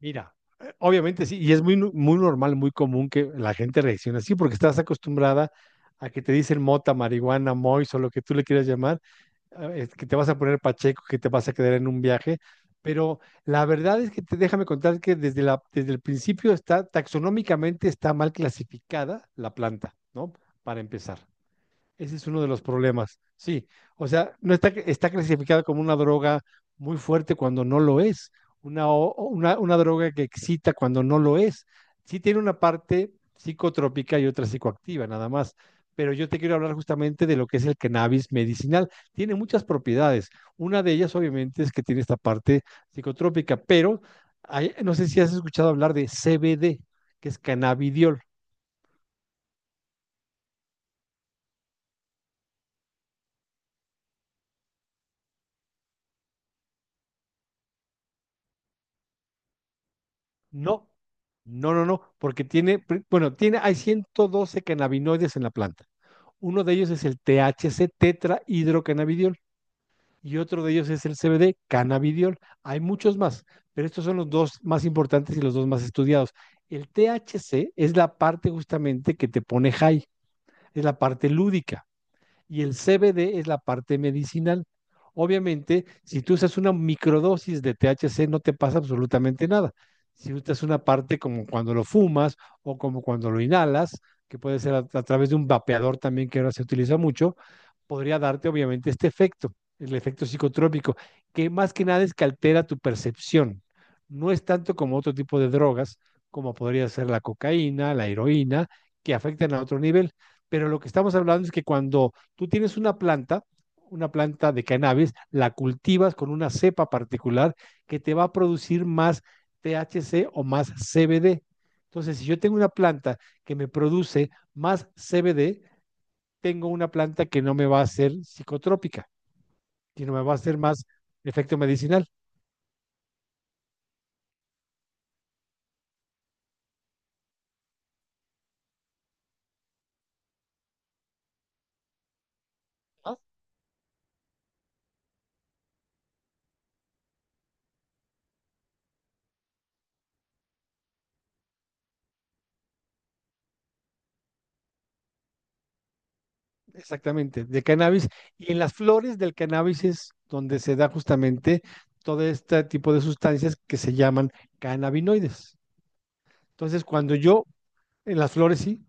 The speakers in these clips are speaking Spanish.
Mira, obviamente sí, y es muy normal, muy común que la gente reaccione así, porque estás acostumbrada a que te dicen mota, marihuana, mois o lo que tú le quieras llamar, que te vas a poner pacheco, que te vas a quedar en un viaje, pero la verdad es que déjame contar que desde el principio está, taxonómicamente está mal clasificada la planta, ¿no? Para empezar. Ese es uno de los problemas, sí. O sea, no está, está clasificada como una droga muy fuerte cuando no lo es, una, o una droga que excita cuando no lo es. Sí tiene una parte psicotrópica y otra psicoactiva, nada más. Pero yo te quiero hablar justamente de lo que es el cannabis medicinal. Tiene muchas propiedades. Una de ellas, obviamente, es que tiene esta parte psicotrópica, pero no sé si has escuchado hablar de CBD, que es cannabidiol. No, no, no, no, porque tiene, bueno, tiene, hay 112 cannabinoides en la planta. Uno de ellos es el THC, tetrahidrocannabidiol, y otro de ellos es el CBD, cannabidiol. Hay muchos más, pero estos son los dos más importantes y los dos más estudiados. El THC es la parte justamente que te pone high, es la parte lúdica y el CBD es la parte medicinal. Obviamente, si tú usas una microdosis de THC, no te pasa absolutamente nada. Si usas una parte como cuando lo fumas o como cuando lo inhalas, que puede ser a través de un vapeador también que ahora se utiliza mucho, podría darte obviamente este efecto, el efecto psicotrópico, que más que nada es que altera tu percepción. No es tanto como otro tipo de drogas, como podría ser la cocaína, la heroína, que afectan a otro nivel. Pero lo que estamos hablando es que cuando tú tienes una planta de cannabis, la cultivas con una cepa particular que te va a producir más THC o más CBD. Entonces, si yo tengo una planta que me produce más CBD, tengo una planta que no me va a hacer psicotrópica, sino me va a hacer más efecto medicinal, exactamente, de cannabis. Y en las flores del cannabis es donde se da justamente todo este tipo de sustancias que se llaman cannabinoides. Entonces, cuando yo en las flores, sí.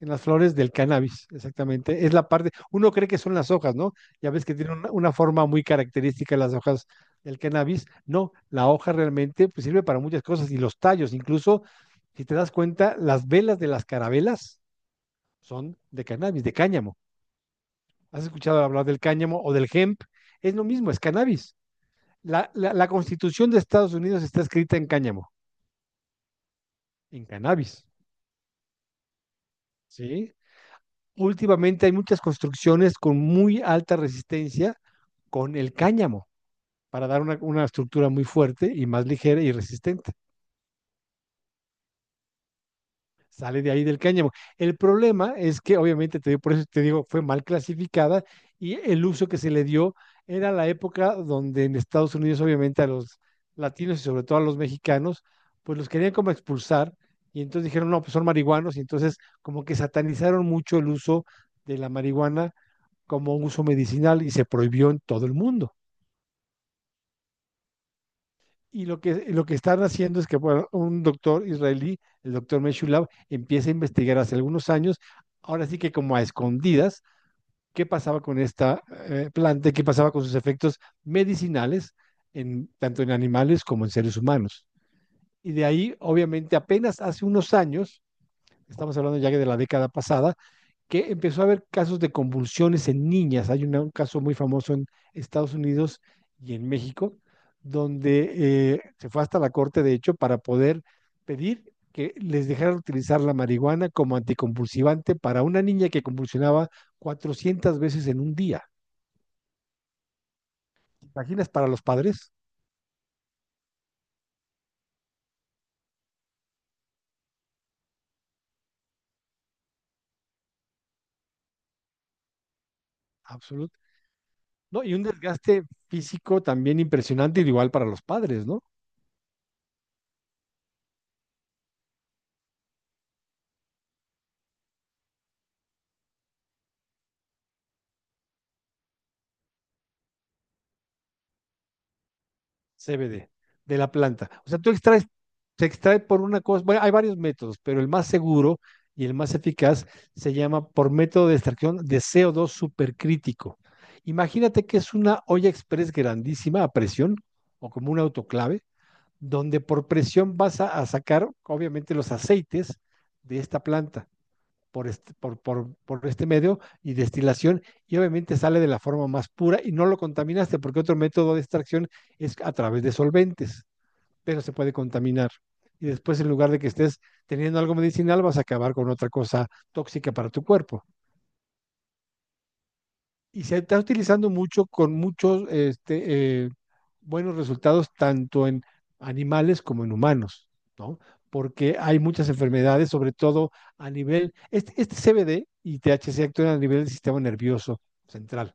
En las flores del cannabis, exactamente. Es la parte, uno cree que son las hojas, ¿no? Ya ves que tiene una forma muy característica las hojas del cannabis. No, la hoja realmente pues, sirve para muchas cosas y los tallos, incluso, si te das cuenta, las velas de las carabelas son de cannabis, de cáñamo. ¿Has escuchado hablar del cáñamo o del hemp? Es lo mismo, es cannabis. La Constitución de Estados Unidos está escrita en cáñamo, en cannabis. ¿Sí? Últimamente hay muchas construcciones con muy alta resistencia con el cáñamo para dar una estructura muy fuerte y más ligera y resistente. Sale de ahí del cáñamo. El problema es que obviamente, por eso te digo, fue mal clasificada y el uso que se le dio era la época donde en Estados Unidos obviamente a los latinos y sobre todo a los mexicanos, pues los querían como expulsar y entonces dijeron, no, pues son marihuanos y entonces como que satanizaron mucho el uso de la marihuana como un uso medicinal y se prohibió en todo el mundo. Y lo que están haciendo es que bueno, un doctor israelí, el doctor Meshulav, empieza a investigar hace algunos años, ahora sí que como a escondidas, qué pasaba con esta planta, qué pasaba con sus efectos medicinales, tanto en animales como en seres humanos. Y de ahí, obviamente, apenas hace unos años, estamos hablando ya que de la década pasada, que empezó a haber casos de convulsiones en niñas. Hay un caso muy famoso en Estados Unidos y en México, donde se fue hasta la corte, de hecho, para poder pedir que les dejaran utilizar la marihuana como anticonvulsivante para una niña que convulsionaba 400 veces en un día. ¿Te imaginas para los padres? Absoluto. No, y un desgaste físico también impresionante, igual para los padres, ¿no? CBD de la planta. O sea, tú extraes, se extrae por una cosa, bueno, hay varios métodos, pero el más seguro y el más eficaz se llama por método de extracción de co dos supercrítico. Imagínate que es una olla express grandísima a presión o como un autoclave, donde por presión vas a sacar obviamente los aceites de esta planta por este medio y destilación y obviamente sale de la forma más pura y no lo contaminaste porque otro método de extracción es a través de solventes, pero se puede contaminar. Y después en lugar de que estés teniendo algo medicinal vas a acabar con otra cosa tóxica para tu cuerpo y se está utilizando mucho con muchos buenos resultados tanto en animales como en humanos, ¿no? Porque hay muchas enfermedades, sobre todo a nivel, este CBD y THC actúan a nivel del sistema nervioso central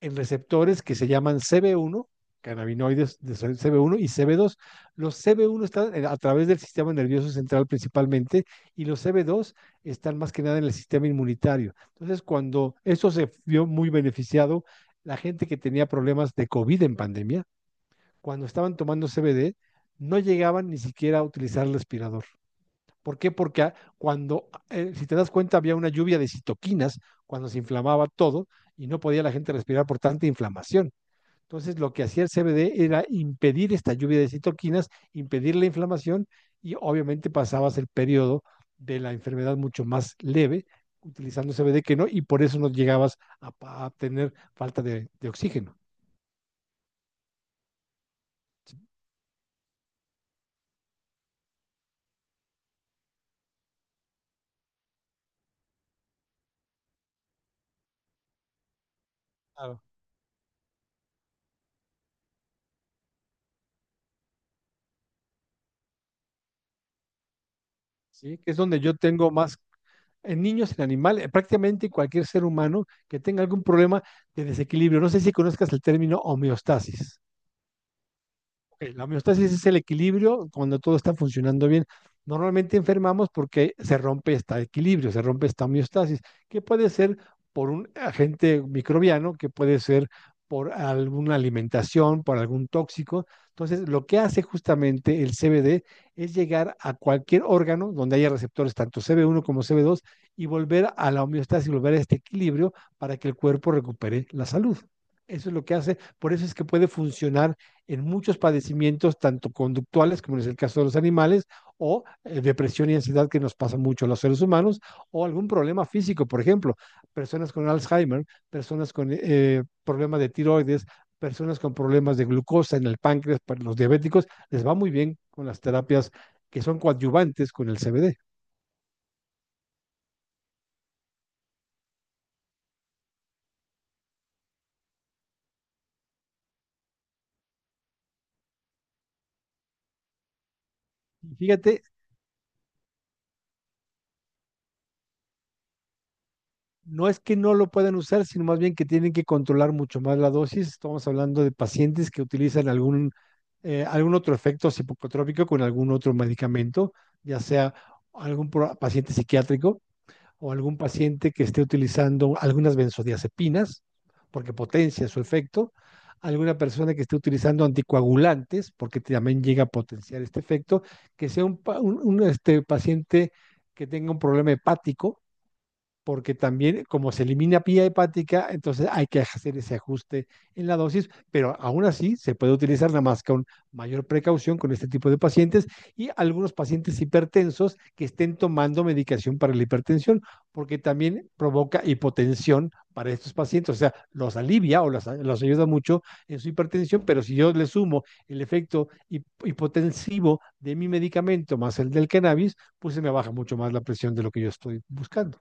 en receptores que se llaman CB1, cannabinoides de CB1 y CB2. Los CB1 están a través del sistema nervioso central principalmente y los CB2 están más que nada en el sistema inmunitario. Entonces, cuando eso se vio muy beneficiado, la gente que tenía problemas de COVID en pandemia, cuando estaban tomando CBD, no llegaban ni siquiera a utilizar el respirador. ¿Por qué? Porque si te das cuenta, había una lluvia de citoquinas cuando se inflamaba todo y no podía la gente respirar por tanta inflamación. Entonces, lo que hacía el CBD era impedir esta lluvia de citoquinas, impedir la inflamación y obviamente pasabas el periodo de la enfermedad mucho más leve utilizando CBD que no y por eso no llegabas a tener falta de oxígeno. Sí, claro. Sí, que es donde yo tengo más en niños, en animales, prácticamente cualquier ser humano que tenga algún problema de desequilibrio. No sé si conozcas el término homeostasis. Ok, la homeostasis es el equilibrio cuando todo está funcionando bien. Normalmente enfermamos porque se rompe este equilibrio, se rompe esta homeostasis, que puede ser por un agente microbiano, que puede ser por alguna alimentación, por algún tóxico. Entonces, lo que hace justamente el CBD es llegar a cualquier órgano donde haya receptores, tanto CB1 como CB2 y volver a la homeostasis, volver a este equilibrio para que el cuerpo recupere la salud. Eso es lo que hace, por eso es que puede funcionar en muchos padecimientos, tanto conductuales, como es el caso de los animales, o depresión y ansiedad que nos pasa mucho a los seres humanos, o algún problema físico, por ejemplo, personas con Alzheimer, personas con problemas de tiroides, personas con problemas de glucosa en el páncreas, para los diabéticos, les va muy bien con las terapias que son coadyuvantes con el CBD. Fíjate, no es que no lo puedan usar, sino más bien que tienen que controlar mucho más la dosis. Estamos hablando de pacientes que utilizan algún otro efecto psicotrópico con algún otro medicamento, ya sea paciente psiquiátrico o algún paciente que esté utilizando algunas benzodiazepinas, porque potencia su efecto, alguna persona que esté utilizando anticoagulantes, porque también llega a potenciar este efecto, que sea un paciente que tenga un problema hepático porque también como se elimina vía hepática, entonces hay que hacer ese ajuste en la dosis, pero aún así se puede utilizar nada más con mayor precaución con este tipo de pacientes y algunos pacientes hipertensos que estén tomando medicación para la hipertensión, porque también provoca hipotensión para estos pacientes, o sea, los alivia o los ayuda mucho en su hipertensión, pero si yo le sumo el efecto hipotensivo de mi medicamento más el del cannabis, pues se me baja mucho más la presión de lo que yo estoy buscando.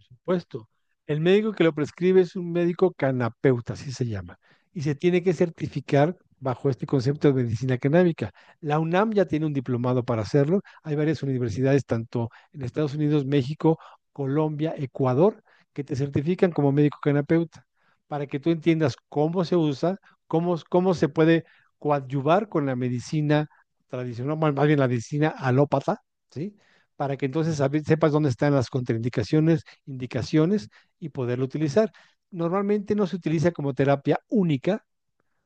Supuesto. El médico que lo prescribe es un médico canapeuta, así se llama, y se tiene que certificar bajo este concepto de medicina canábica. La UNAM ya tiene un diplomado para hacerlo. Hay varias universidades, tanto en Estados Unidos, México, Colombia, Ecuador, que te certifican como médico canapeuta, para que tú entiendas cómo se usa, cómo se puede coadyuvar con la medicina tradicional, más bien la medicina alópata, ¿sí? Para que entonces sepas dónde están las contraindicaciones indicaciones y poderlo utilizar. Normalmente no se utiliza como terapia única,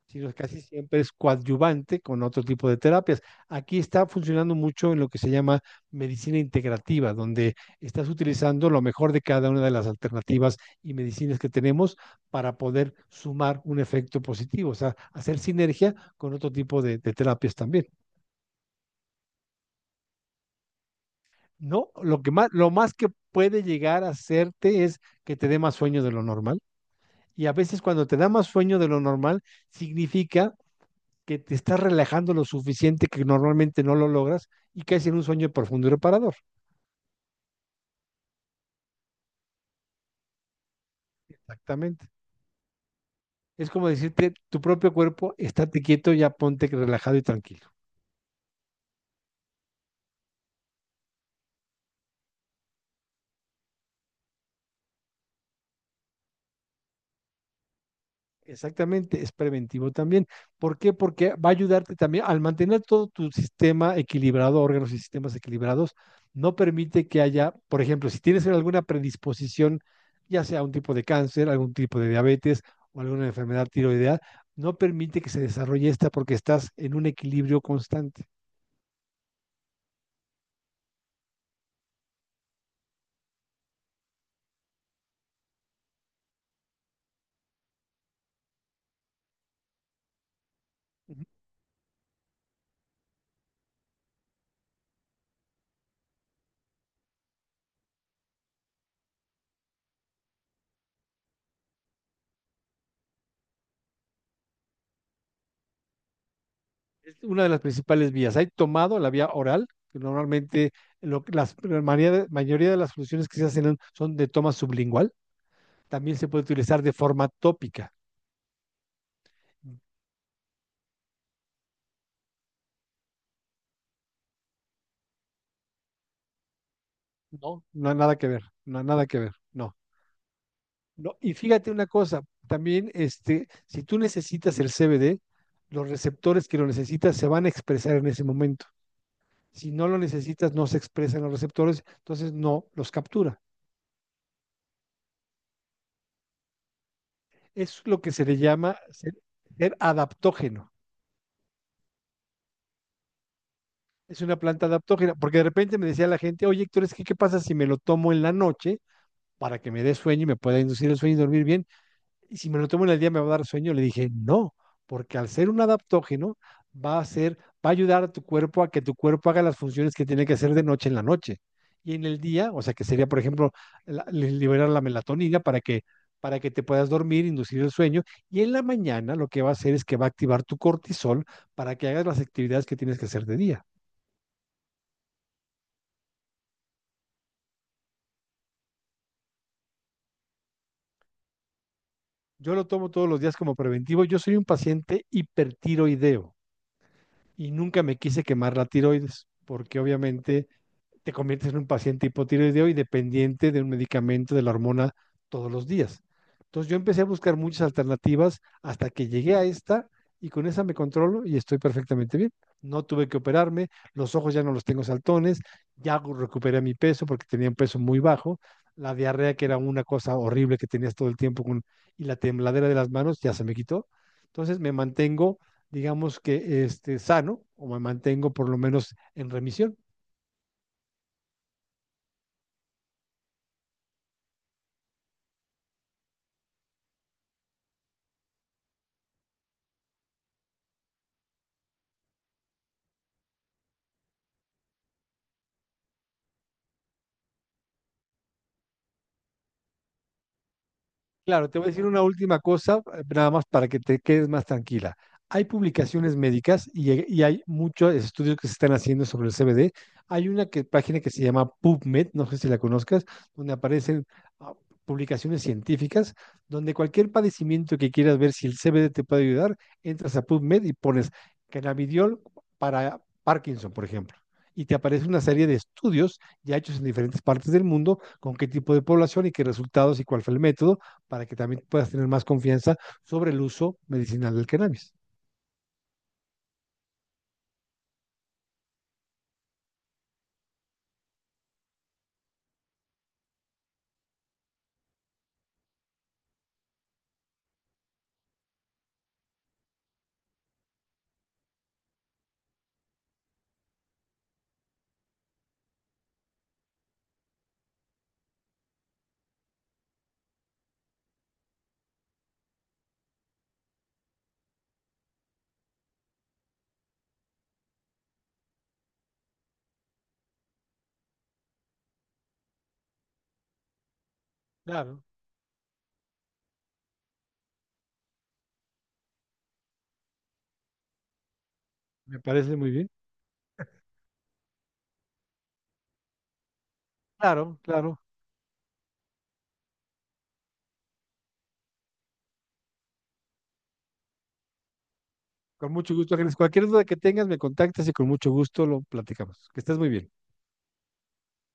sino casi siempre es coadyuvante con otro tipo de terapias. Aquí está funcionando mucho en lo que se llama medicina integrativa, donde estás utilizando lo mejor de cada una de las alternativas y medicinas que tenemos para poder sumar un efecto positivo, o sea, hacer sinergia con otro tipo de terapias también. No, lo que más, lo más que puede llegar a hacerte es que te dé más sueño de lo normal. Y a veces cuando te da más sueño de lo normal, significa que te estás relajando lo suficiente que normalmente no lo logras y caes en un sueño profundo y reparador. Exactamente. Es como decirte, tu propio cuerpo, estate quieto, ya ponte relajado y tranquilo. Exactamente, es preventivo también. ¿Por qué? Porque va a ayudarte también al mantener todo tu sistema equilibrado, órganos y sistemas equilibrados, no permite que haya, por ejemplo, si tienes alguna predisposición, ya sea un tipo de cáncer, algún tipo de diabetes o alguna enfermedad tiroidea, no permite que se desarrolle esta porque estás en un equilibrio constante. Ujú. Es una de las principales vías. Hay tomado la vía oral, que normalmente la mayoría de las soluciones que se hacen son de toma sublingual, también se puede utilizar de forma tópica. No, no hay nada que ver, no hay nada que ver, no. no. Y fíjate una cosa, también este, si tú necesitas el CBD, los receptores que lo necesitas se van a expresar en ese momento. Si no lo necesitas, no se expresan los receptores, entonces no los captura. Es lo que se le llama ser, ser adaptógeno. Es una planta adaptógena, porque de repente me decía la gente, oye Héctor, es que ¿qué pasa si me lo tomo en la noche para que me dé sueño y me pueda inducir el sueño y dormir bien? Y si me lo tomo en el día me va a dar sueño, le dije, no, porque al ser un adaptógeno va a ser, va a ayudar a tu cuerpo a que tu cuerpo haga las funciones que tiene que hacer de noche en la noche. Y en el día, o sea que sería, por ejemplo, liberar la melatonina para que te puedas dormir, inducir el sueño. Y en la mañana lo que va a hacer es que va a activar tu cortisol para que hagas las actividades que tienes que hacer de día. Yo lo tomo todos los días como preventivo. Yo soy un paciente hipertiroideo y nunca me quise quemar la tiroides, porque obviamente te conviertes en un paciente hipotiroideo y dependiente de un medicamento de la hormona todos los días. Entonces yo empecé a buscar muchas alternativas hasta que llegué a esta y con esa me controlo y estoy perfectamente bien. No tuve que operarme, los ojos ya no los tengo saltones, ya recuperé mi peso porque tenía un peso muy bajo, la diarrea que era una cosa horrible que tenías todo el tiempo con, y la tembladera de las manos ya se me quitó. Entonces me mantengo, digamos que este, sano, o me mantengo por lo menos en remisión. Claro, te voy a decir una última cosa, nada más para que te quedes más tranquila. Hay publicaciones médicas y, hay muchos estudios que se están haciendo sobre el CBD. Hay una página que se llama PubMed, no sé si la conozcas, donde aparecen ah, publicaciones científicas, donde cualquier padecimiento que quieras ver si el CBD te puede ayudar, entras a PubMed y pones cannabidiol para Parkinson, por ejemplo. Y te aparece una serie de estudios ya hechos en diferentes partes del mundo, con qué tipo de población y qué resultados y cuál fue el método para que también puedas tener más confianza sobre el uso medicinal del cannabis. Claro. Me parece muy bien. Claro, claro. Con mucho gusto, Ángeles. Cualquier duda que tengas, me contactas y con mucho gusto lo platicamos. Que estés muy bien.